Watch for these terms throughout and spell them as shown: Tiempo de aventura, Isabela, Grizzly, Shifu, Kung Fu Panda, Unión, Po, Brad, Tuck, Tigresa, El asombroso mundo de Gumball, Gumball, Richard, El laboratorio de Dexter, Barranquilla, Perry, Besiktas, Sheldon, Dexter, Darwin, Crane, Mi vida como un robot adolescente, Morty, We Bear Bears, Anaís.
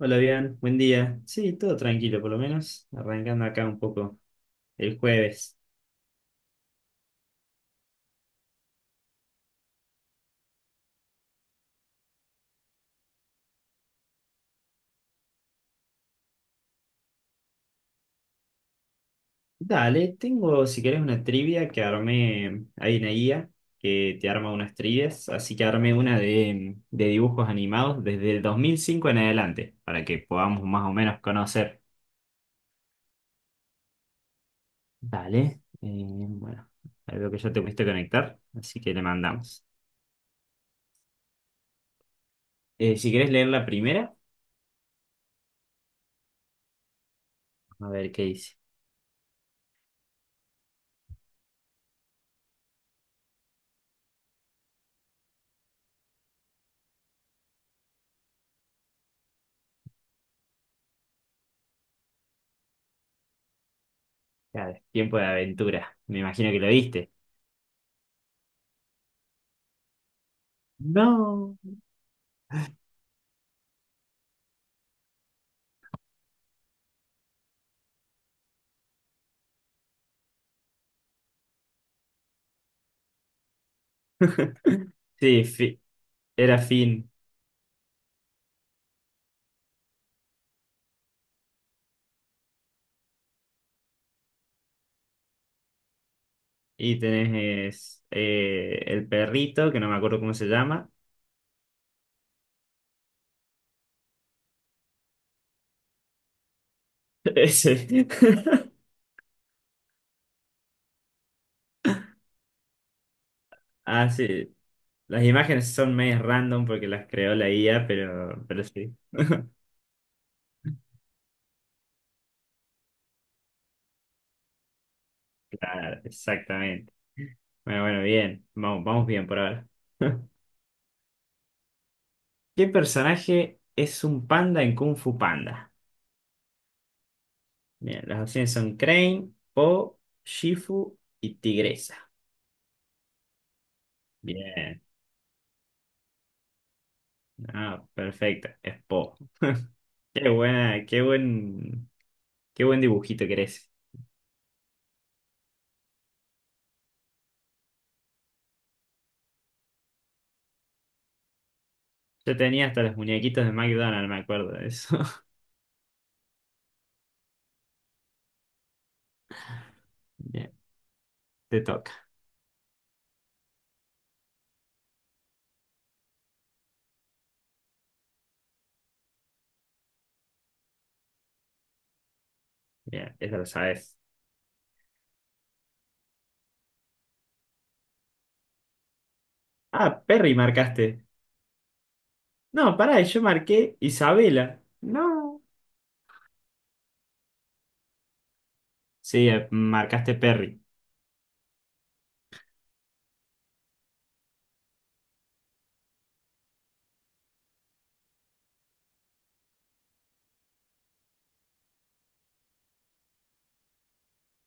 Hola, bien, buen día. Sí, todo tranquilo, por lo menos. Arrancando acá un poco el jueves. Dale, tengo, si querés, una trivia que armé. Hay una guía que te arma unas trivias, así que armé una de dibujos animados desde el 2005 en adelante, para que podamos más o menos conocer. Dale, bueno, ahí veo que ya te pudiste conectar, así que le mandamos. Si querés leer la primera, a ver qué dice. Claro, tiempo de aventura. Me imagino que lo viste. No. Sí, era Finn. Y tenés el perrito, que no me acuerdo cómo se llama. Ese. Ah, sí. Las imágenes son medio random porque las creó la IA, pero sí. Claro, exactamente. Bueno, bueno, bien. Vamos, vamos bien por ahora. ¿Qué personaje es un panda en Kung Fu Panda? Bien, las opciones son Crane, Po, Shifu y Tigresa. Bien. Ah, perfecto. Es Po. Qué buena, qué buen dibujito que eres. Yo tenía hasta los muñequitos de McDonald's, me acuerdo de eso. Bien, te toca. Bien, eso lo sabes. Ah, Perry marcaste. No, pará, yo marqué Isabela. No. Sí, marcaste Perry.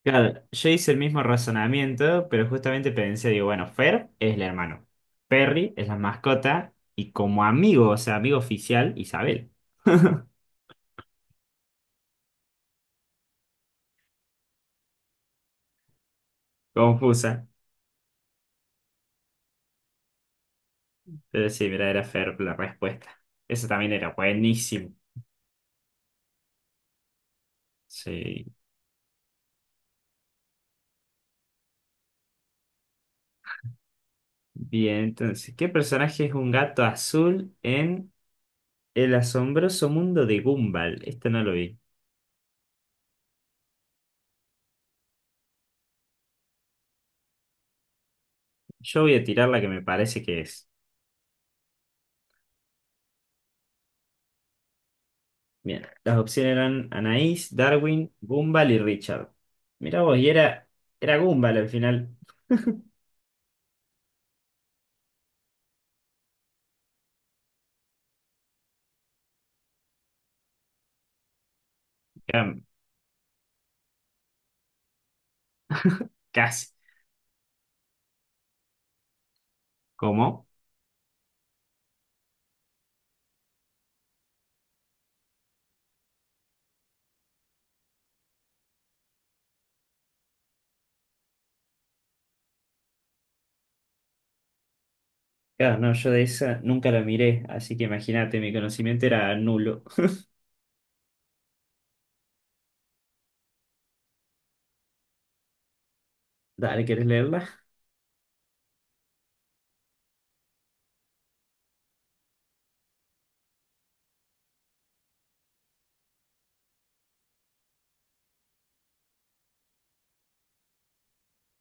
Claro, yo hice el mismo razonamiento, pero justamente pensé, digo, bueno, Fer es el hermano. Perry es la mascota y como amigo, o sea, amigo oficial, Isabel. Confusa. Pero sí, mira, era Fer la respuesta. Eso también era buenísimo. Sí, bien, entonces, ¿qué personaje es un gato azul en El asombroso mundo de Gumball? Este no lo vi. Yo voy a tirar la que me parece que es. Bien, las opciones eran Anaís, Darwin, Gumball y Richard. Mirá vos, y era, era Gumball al final. Cam- Casi. ¿Cómo? Claro, no, yo de esa nunca la miré, así que imagínate, mi conocimiento era nulo. Dale, ¿querés leerla?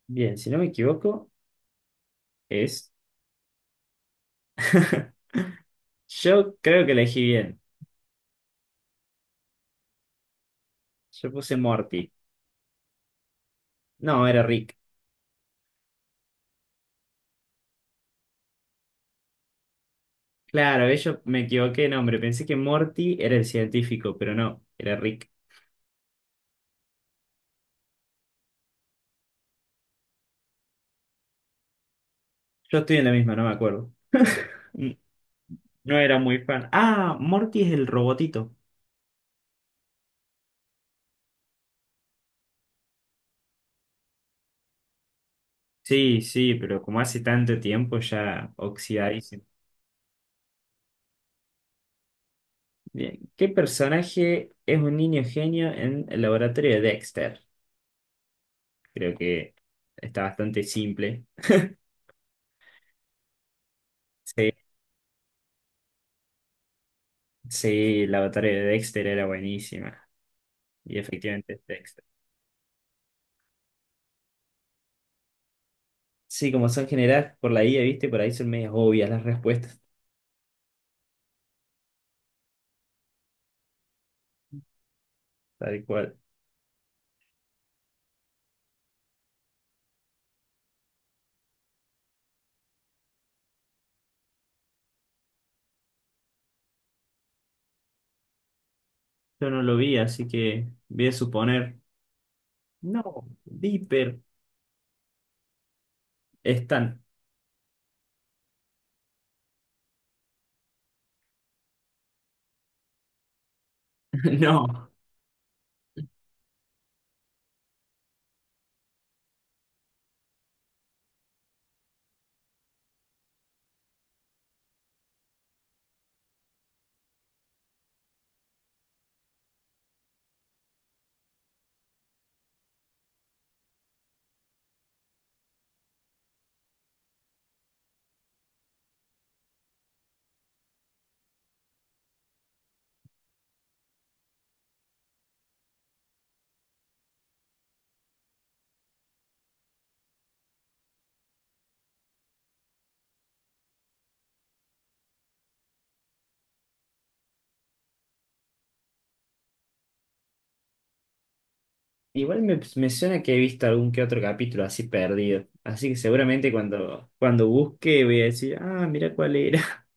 Bien, si no me equivoco, es... Yo creo que elegí bien. Yo puse Morty. No, era Rick. Claro, yo me equivoqué de nombre. Pensé que Morty era el científico, pero no, era Rick. Yo estoy en la misma, no me acuerdo. N- No era muy fan. Ah, Morty es el robotito. Sí, sí, pero como hace tanto tiempo ya oxidadísimo. Bien, ¿qué personaje es un niño genio en el laboratorio de Dexter? Creo que está bastante simple. Sí, sí, el laboratorio de Dexter era buenísima. Y efectivamente es Dexter. Sí, como son generadas por la IA, ¿viste? Por ahí son medias obvias las respuestas, tal cual. Yo no lo vi, así que voy a suponer. No, Dipper, están. No. Igual me, me suena que he visto algún que otro capítulo así perdido. Así que seguramente cuando, cuando busque voy a decir, ah, mira cuál era.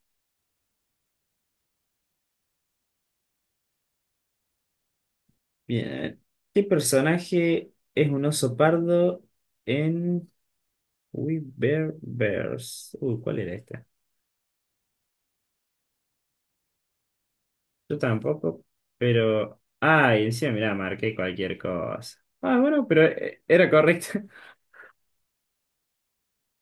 Bien. ¿Qué personaje es un oso pardo en We Bear Bears? Uy, ¿cuál era esta? Yo tampoco, pero... Ay, encima, mirá, marqué cualquier cosa. Ah, bueno, pero era correcto.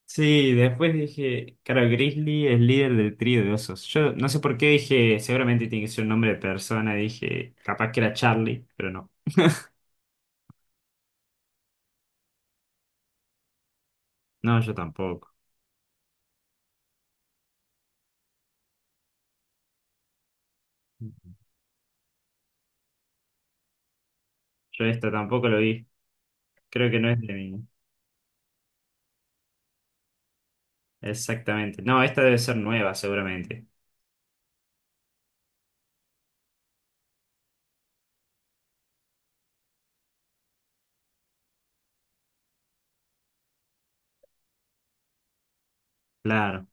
Sí, después dije, claro, Grizzly es líder del trío de osos. Yo no sé por qué dije, seguramente tiene que ser un nombre de persona, dije, capaz que era Charlie, pero no. No, yo tampoco. Yo esta tampoco lo vi. Creo que no es de mí. Exactamente. No, esta debe ser nueva, seguramente. Claro,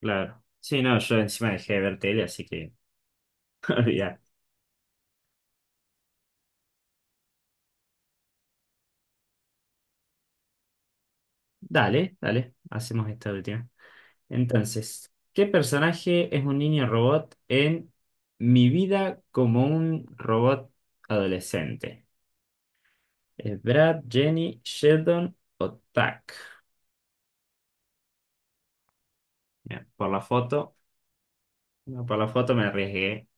claro. Sí, no, yo encima dejé de ver tele, así que olvidar. Dale, dale, hacemos esta última. Entonces, ¿qué personaje es un niño robot en Mi vida como un robot adolescente? ¿Es Brad, Jenny, Sheldon o Tuck? Mira, por la foto, no, por la foto me arriesgué.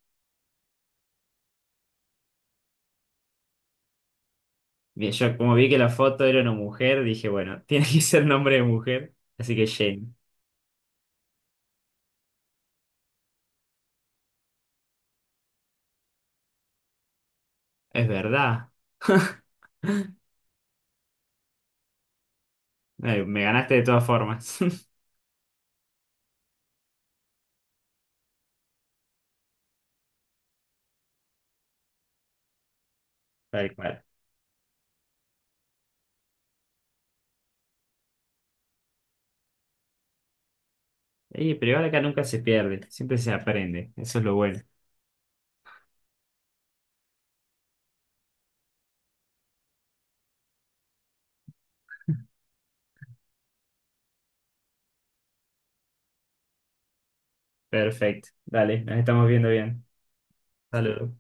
Bien, yo como vi que la foto era una mujer, dije, bueno, tiene que ser nombre de mujer, así que Jenny. Es verdad. Ay, me ganaste de todas formas. Tal cual. Y, pero igual acá nunca se pierde, siempre se aprende, eso es lo bueno. Perfecto, dale, nos estamos viendo bien. Saludos.